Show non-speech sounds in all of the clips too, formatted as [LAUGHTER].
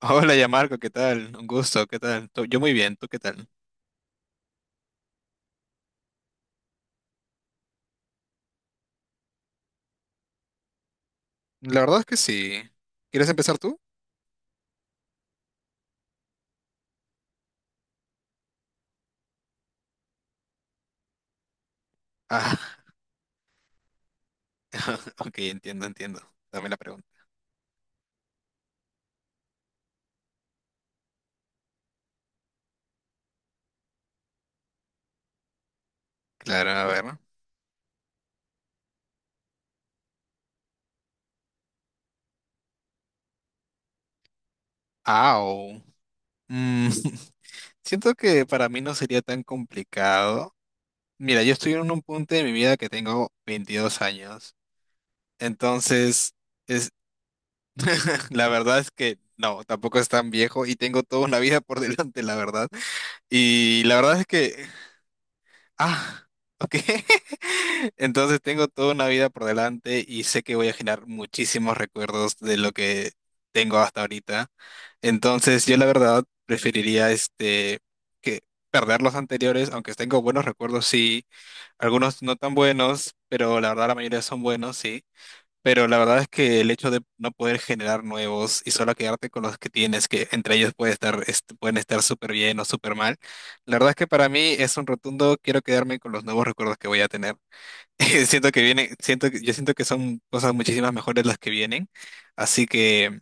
Hola, ya Marco, ¿qué tal? Un gusto, ¿qué tal? Yo muy bien, ¿tú qué tal? La verdad es que sí. ¿Quieres empezar tú? Ah, [LAUGHS] ok, entiendo, entiendo. Dame la pregunta. Claro, a ver. Au. Mm, [LAUGHS] siento que para mí no sería tan complicado. Mira, yo estoy en un punto de mi vida que tengo 22 años. Entonces, es, [LAUGHS] la verdad es que no, tampoco es tan viejo y tengo toda una vida por [LAUGHS] delante, la verdad. Y la verdad es que. Ah, ok. [LAUGHS] Entonces tengo toda una vida por delante y sé que voy a generar muchísimos recuerdos de lo que tengo hasta ahorita. Entonces yo la verdad preferiría este que perder los anteriores, aunque tengo buenos recuerdos, sí, algunos no tan buenos, pero la verdad la mayoría son buenos, sí. Pero la verdad es que el hecho de no poder generar nuevos y solo quedarte con los que tienes, que entre ellos puede estar, pueden estar súper bien o súper mal, la verdad es que para mí es un rotundo, quiero quedarme con los nuevos recuerdos que voy a tener. [LAUGHS] Siento que vienen, yo siento que son cosas muchísimas mejores las que vienen, así que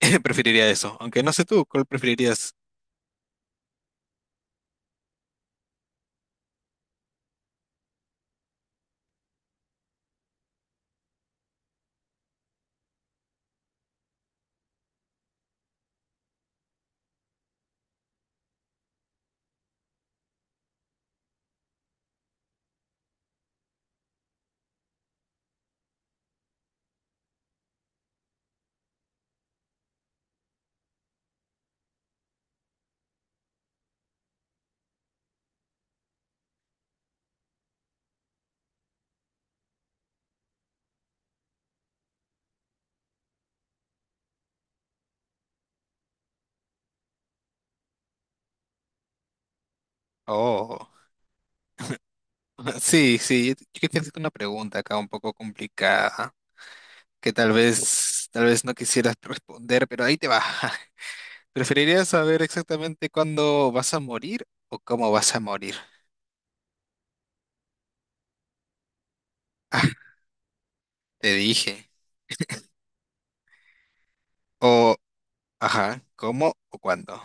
[LAUGHS] preferiría eso. Aunque no sé tú, ¿cuál preferirías? Oh, [LAUGHS] sí, sí, yo quería hacerte una pregunta acá un poco complicada, que tal vez no quisieras [LAUGHS] responder, pero ahí te va. [LAUGHS] ¿Preferirías saber exactamente cuándo vas a morir o cómo vas a morir? Ah, te dije. O, ajá, ¿cómo o cuándo?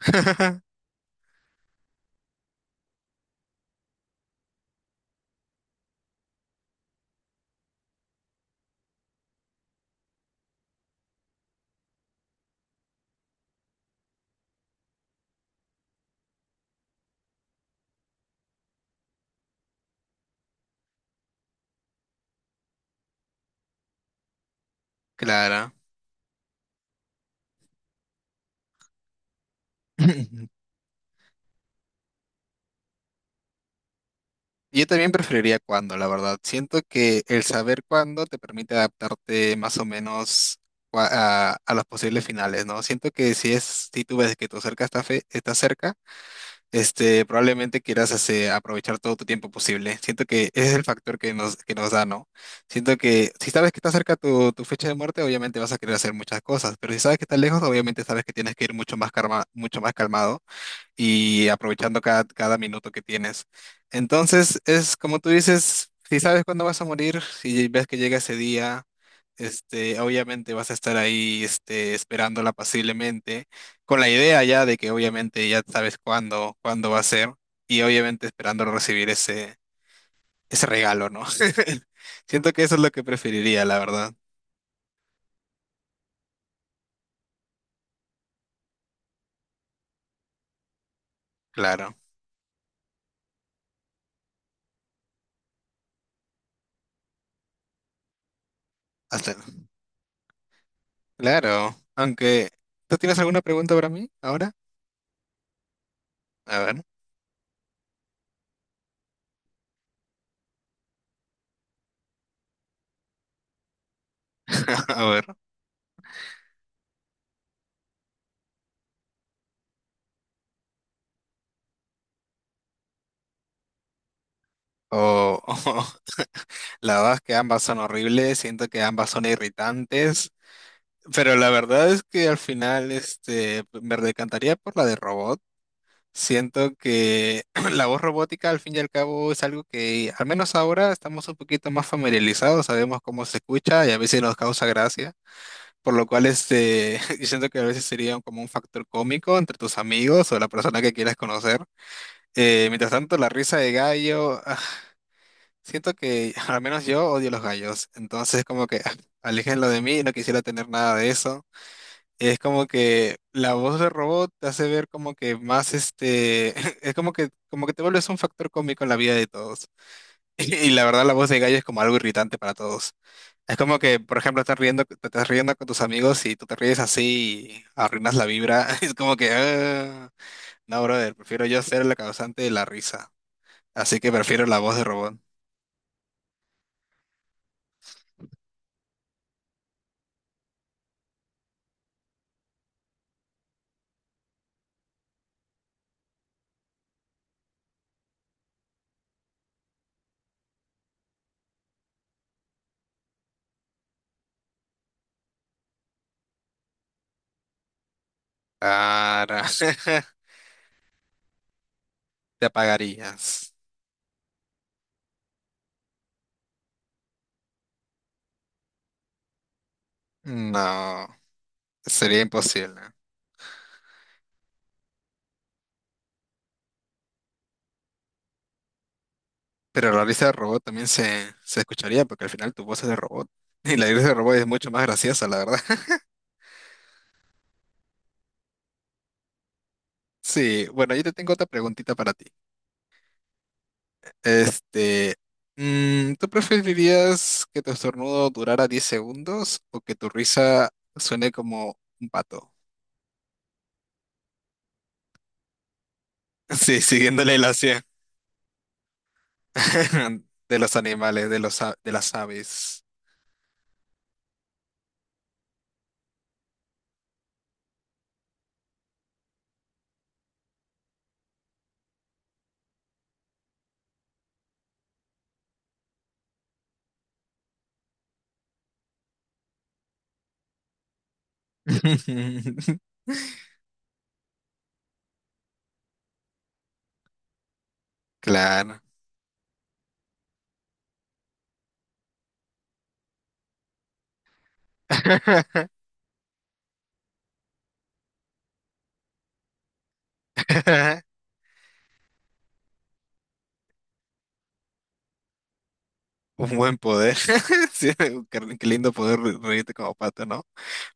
[LAUGHS] Claro. [LAUGHS] Yo también preferiría cuándo, la verdad. Siento que el saber cuándo te permite adaptarte más o menos a los posibles finales, ¿no? Siento que si tú ves que tu cerca está está cerca, este, probablemente quieras aprovechar todo tu tiempo posible. Siento que ese es el factor que nos da, ¿no? Siento que si sabes que está cerca tu fecha de muerte, obviamente vas a querer hacer muchas cosas, pero si sabes que está lejos, obviamente sabes que tienes que ir mucho más calmado y aprovechando cada, cada minuto que tienes. Entonces, es como tú dices, si sabes cuándo vas a morir si ves que llega ese día, este, obviamente vas a estar ahí, este, esperándola pacientemente con la idea ya de que obviamente ya sabes cuándo va a ser y obviamente esperando recibir ese regalo, ¿no? [LAUGHS] Siento que eso es lo que preferiría, la verdad. Claro. Hasta, claro. Aunque, ¿tú tienes alguna pregunta para mí ahora? A ver, [LAUGHS] a ver. O, o- [LAUGHS] la verdad es que ambas son horribles, siento que ambas son irritantes, pero la verdad es que al final este, me decantaría por la de robot. Siento que [CLEARS THROAT] la voz robótica al fin y al cabo es algo que al menos ahora estamos un poquito más familiarizados, sabemos cómo se escucha y a veces nos causa gracia, por lo cual este, [LAUGHS] yo siento que a veces sería como un factor cómico entre tus amigos o la persona que quieras conocer. Mientras tanto, la risa de gallo. [LAUGHS] Siento que [LAUGHS] al menos yo odio los gallos, entonces como que [LAUGHS] ah, aléjenlo de mí, no quisiera tener nada de eso. Es como que la voz del robot te hace ver como que más este, [LAUGHS] es como que te vuelves un factor cómico en la vida de todos. [LAUGHS] Y, la verdad la voz de gallo es como algo irritante para todos. Es como que, por ejemplo, estás riendo, te estás riendo con tus amigos y tú te ríes así y arruinas la vibra. [LAUGHS] Es como que, ah, no, brother, prefiero yo ser la causante de la risa. Así que prefiero la voz de robot. Claro. [LAUGHS] ¿Te apagarías? No, sería imposible. Pero la risa del robot también se escucharía porque al final tu voz es de robot. [LAUGHS] Y la risa del robot es mucho más graciosa, la verdad. [LAUGHS] Sí, bueno, yo te tengo otra preguntita para ti. Este, mm, ¿tú preferirías que tu estornudo durara 10 segundos o que tu risa suene como un pato? [LAUGHS] Sí, siguiendo la ilación [LAUGHS] de los animales, de los, de las aves. [LAUGHS] Claro. [LAUGHS] Un buen poder. [LAUGHS] Sí, qué, qué lindo poder reírte como pato, ¿no?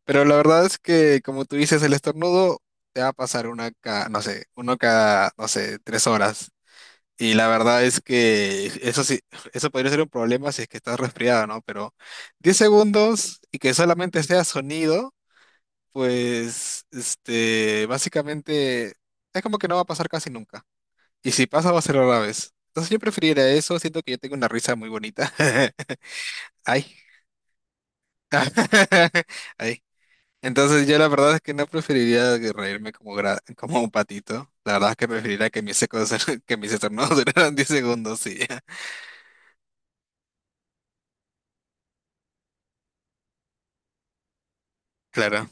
Pero la verdad es que, como tú dices, el estornudo te va a pasar no sé, uno cada, no sé, 3 horas. Y la verdad es que eso sí, [SIGHS] eso podría ser un problema si es que estás resfriado, ¿no? Pero 10 segundos y que solamente sea sonido, pues, este, básicamente es como que no va a pasar casi nunca. Y si pasa, va a ser rara vez. Entonces yo preferiría eso, siento que yo tengo una risa muy bonita. [LAUGHS] Ay. [LAUGHS] Ahí, Entonces yo la verdad es que no preferiría que reírme como, como un patito. La verdad es que preferiría que mis secos, [LAUGHS] que mis estornudos [LAUGHS] duraran 10 segundos y ya. Claro.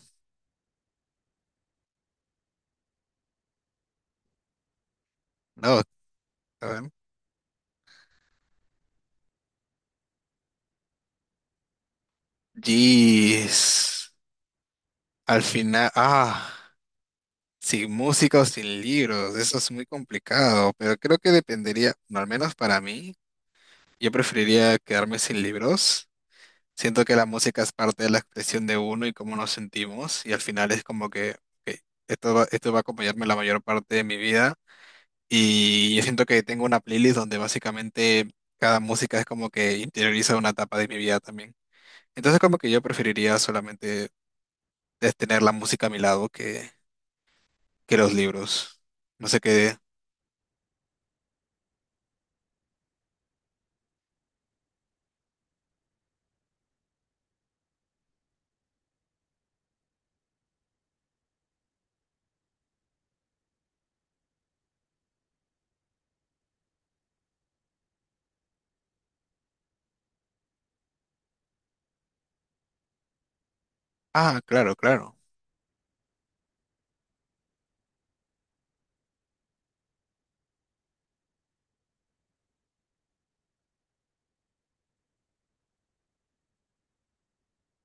No, a ver. Jeez. Al final, ah, sin música o sin libros, eso es muy complicado, pero creo que dependería, no, al menos para mí, yo preferiría quedarme sin libros. Siento que la música es parte de la expresión de uno y cómo nos sentimos y al final es como que ok, esto va a acompañarme la mayor parte de mi vida y yo siento que tengo una playlist donde básicamente cada música es como que interioriza una etapa de mi vida también. Entonces como que yo preferiría solamente es tener la música a mi lado que los libros. No sé qué. Ah, claro, claro.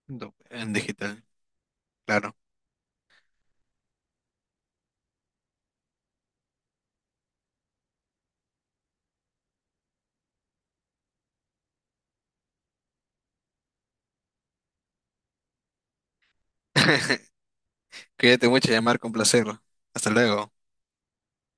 En digital, claro. [LAUGHS] Cuídate mucho, llamar con placer. Hasta luego.